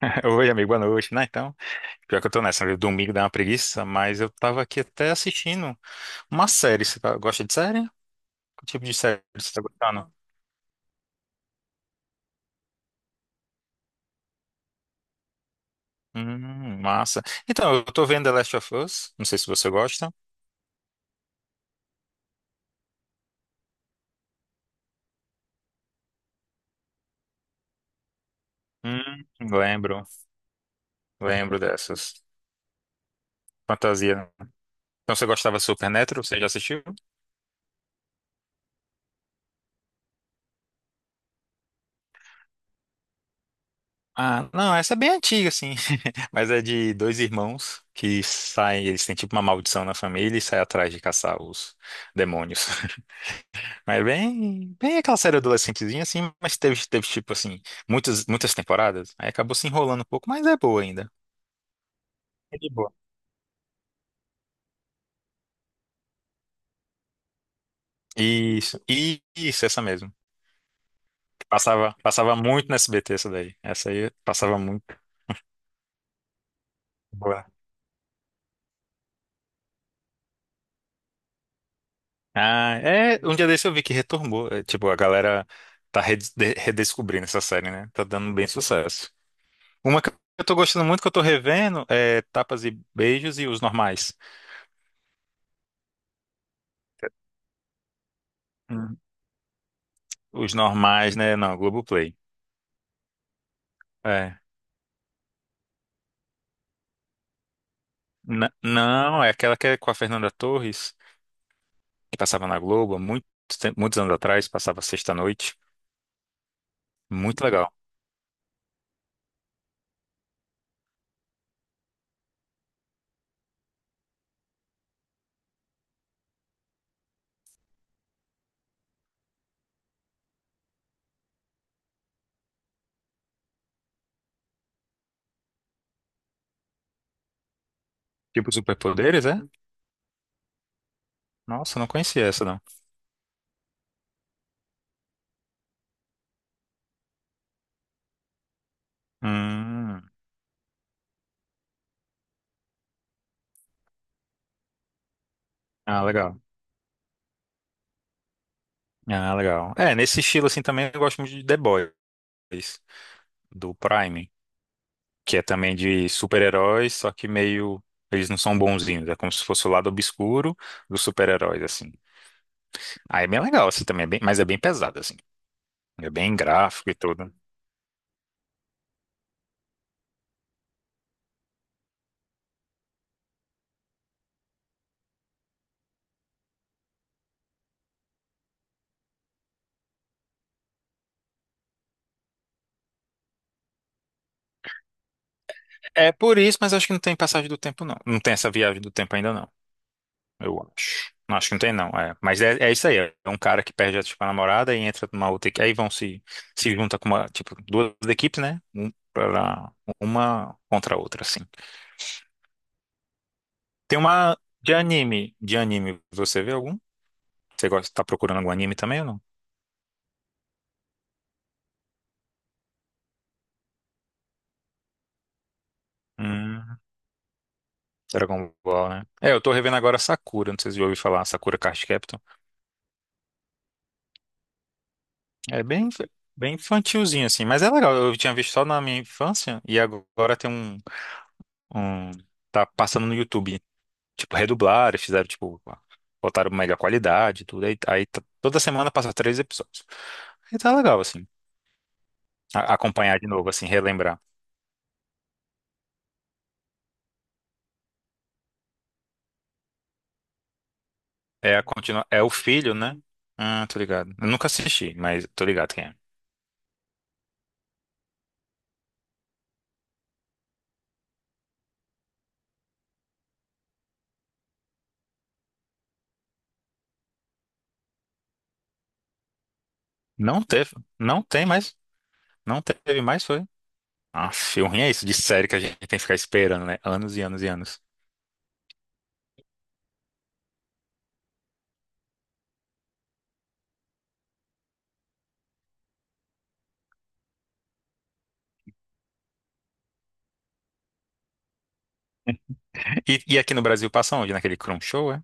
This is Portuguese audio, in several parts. Oi, amigo, boa noite, né? Então, pior que eu tô nessa, né? Domingo dá uma preguiça, mas eu tava aqui até assistindo uma série. Gosta de série? Que tipo de série você tá gostando? Massa. Então, eu tô vendo The Last of Us, não sei se você gosta. Lembro, lembro dessas. Fantasia. Então, você gostava de Supernatural? Você já assistiu? Ah, não, essa é bem antiga, assim, mas é de dois irmãos que saem, eles têm tipo uma maldição na família e saem atrás de caçar os demônios. Mas bem, bem aquela série adolescentezinha, assim, mas teve tipo assim, muitas, muitas temporadas. Aí acabou se enrolando um pouco, mas é boa ainda. É de boa. Isso, isso, essa mesmo. Passava, passava muito no SBT essa daí. Essa aí passava muito. Boa. Ah, é, um dia desse eu vi que retornou. É, tipo, a galera tá redescobrindo essa série, né? Tá dando bem sucesso. Uma que eu tô gostando muito, que eu tô revendo, é Tapas e Beijos e Os Normais. Hum. Os Normais, né? Não, Globoplay. É. Não, é aquela que é com a Fernanda Torres, que passava na Globo há muito muitos anos atrás, passava sexta-noite. Muito legal. Tipo superpoderes, é? Nossa, não conhecia essa, não. Hum, ah, legal. Ah, legal. É, nesse estilo assim também eu gosto muito de The Boys, do Prime, que é também de super-heróis, só que meio. Eles não são bonzinhos, é como se fosse o lado obscuro dos super-heróis, assim. Aí é bem legal, assim, também, é bem, mas é bem pesado, assim. É bem gráfico e tudo. É por isso, mas acho que não tem passagem do tempo, não. Não tem essa viagem do tempo ainda, não. Eu acho. Não, acho que não tem, não. É. Mas é isso aí. É um cara que perde a, tipo, a namorada e entra numa outra equipe. Aí vão se, se junta com uma, tipo, duas equipes, né? Uma contra a outra, assim. Tem uma de anime. De anime, você vê algum? Você gosta, tá procurando algum anime também ou não? Hum, Dragon Ball, né? É, eu tô revendo agora Sakura. Não sei se você já ouviu falar. Sakura Card Captor. É bem, bem infantilzinho, assim, mas é legal. Eu tinha visto só na minha infância e agora tem um- tá passando no YouTube. Tipo, redublaram, fizeram, tipo, botaram melhor qualidade, e tudo. Aí, toda semana passa três episódios. E tá legal, assim. Acompanhar de novo, assim, relembrar. É a continua, é o filho, né? Ah, tô ligado. Eu nunca assisti, mas tô ligado quem é. Não teve, não tem mais, não teve mais, foi. Ah, o ruim é isso de série que a gente tem que ficar esperando, né? Anos e anos e anos. E aqui no Brasil passa onde? Naquele Chrome Show, é?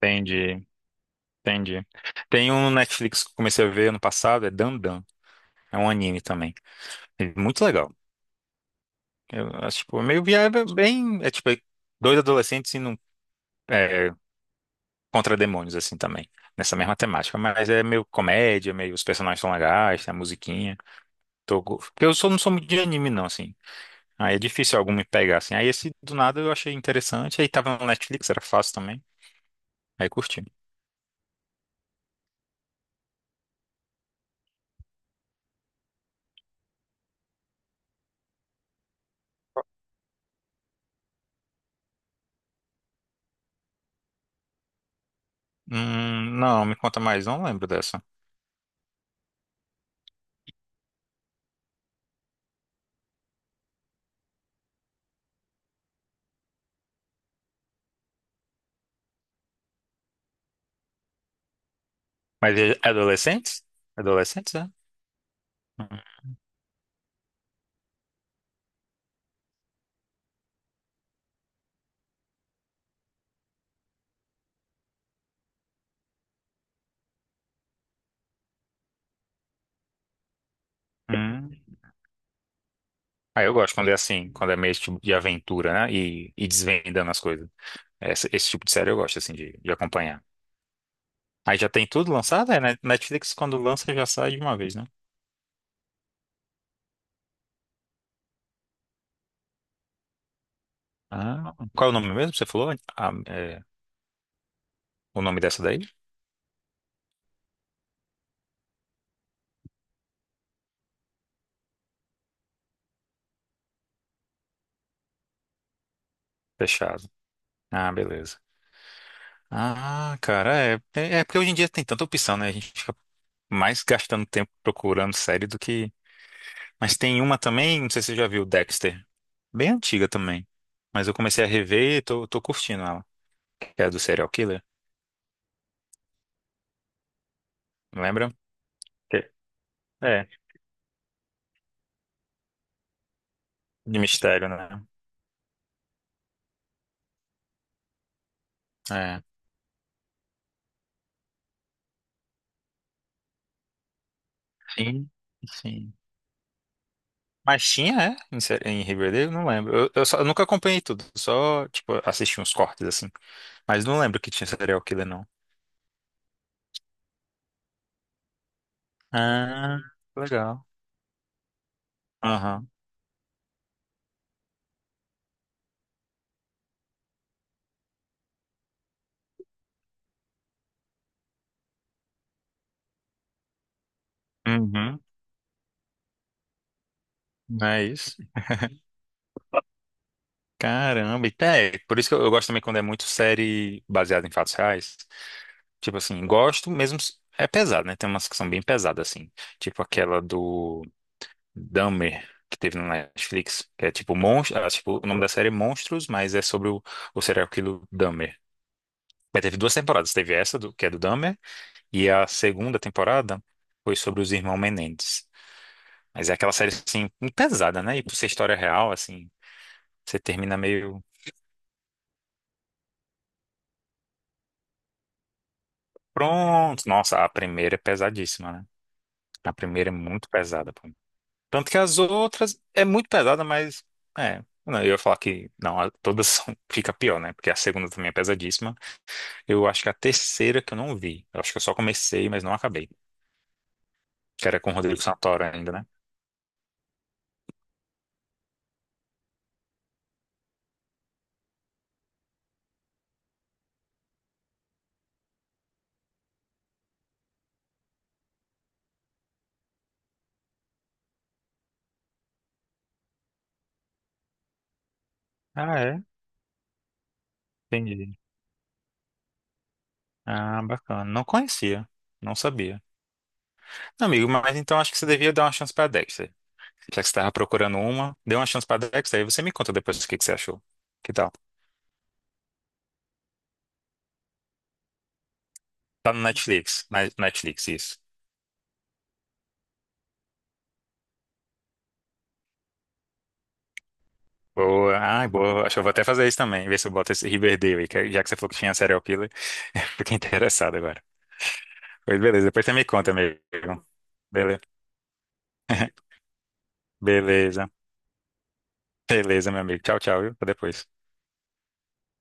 Entendi, entendi. Tem um Netflix que eu comecei a ver ano passado, é Dandan. É um anime também. É muito legal. Eu acho, tipo, meio viável, bem. É tipo dois adolescentes indo é, contra demônios, assim também. Nessa mesma temática. Mas é meio comédia, meio os personagens são legais, tem a musiquinha. Porque eu sou, não sou muito de anime, não, assim. Aí é difícil algum me pegar, assim. Aí esse do nada eu achei interessante. Aí tava no Netflix, era fácil também. Aí curti. Não, me conta mais, não lembro dessa. Mas é adolescentes? Adolescentes, é? Hum. Aí eu gosto quando é assim, quando é meio tipo de aventura, né? E desvendando as coisas. Esse tipo de série eu gosto, assim, de acompanhar. Aí já tem tudo lançado? É, né? Netflix quando lança já sai de uma vez, né? Ah, qual é o nome mesmo que você falou? Ah, é, o nome dessa daí? Fechado. Ah, beleza. Ah, cara, é porque hoje em dia tem tanta opção, né? A gente fica mais gastando tempo procurando série do que. Mas tem uma também, não sei se você já viu, Dexter. Bem antiga também. Mas eu comecei a rever e tô curtindo ela. Que é do serial killer, lembra? Que- É, de mistério, né? É. Sim, sim. Mas tinha, é? Em Riverdale, não lembro. Eu nunca acompanhei tudo, só, tipo, assisti uns cortes assim. Mas não lembro que tinha serial killer, não. Ah, legal. Uhum, é isso. Caramba, e até, por isso que eu gosto também quando é muito série baseada em fatos reais. Tipo assim, gosto mesmo. É pesado, né? Tem umas que são bem pesadas, assim. Tipo aquela do Dahmer, que teve no Netflix, que é tipo monstro. Ah, tipo, o nome da série é Monstros, mas é sobre o serial killer Dahmer. Mas teve duas temporadas. Teve essa, do, que é do Dahmer, e a segunda temporada foi sobre os irmãos Menendez. Mas é aquela série, assim, pesada, né? E por ser história real, assim, você termina meio. Pronto. Nossa, a primeira é pesadíssima, né? A primeira é muito pesada, pô. Tanto que as outras é muito pesada, mas é. Não, eu ia falar que não, todas são, fica pior, né? Porque a segunda também é pesadíssima. Eu acho que a terceira que eu não vi. Eu acho que eu só comecei, mas não acabei. Que era com o Rodrigo Santoro ainda, né? Ah, é? Entendi. Ah, bacana. Não conhecia. Não sabia. Não, amigo, mas então acho que você devia dar uma chance pra Dexter. Já que você estava procurando uma, dê uma chance pra Dexter, aí você me conta depois o que que você achou. Que tal? Tá no Netflix. Netflix, isso. Boa. Ai, boa. Acho que eu vou até fazer isso também. Ver se eu boto esse Riverdale aí. Já que você falou que tinha serial killer, eu fiquei interessado agora. Pois beleza, depois você me conta, amigo. Beleza. Beleza. Beleza, meu amigo. Tchau, tchau, viu? Até depois.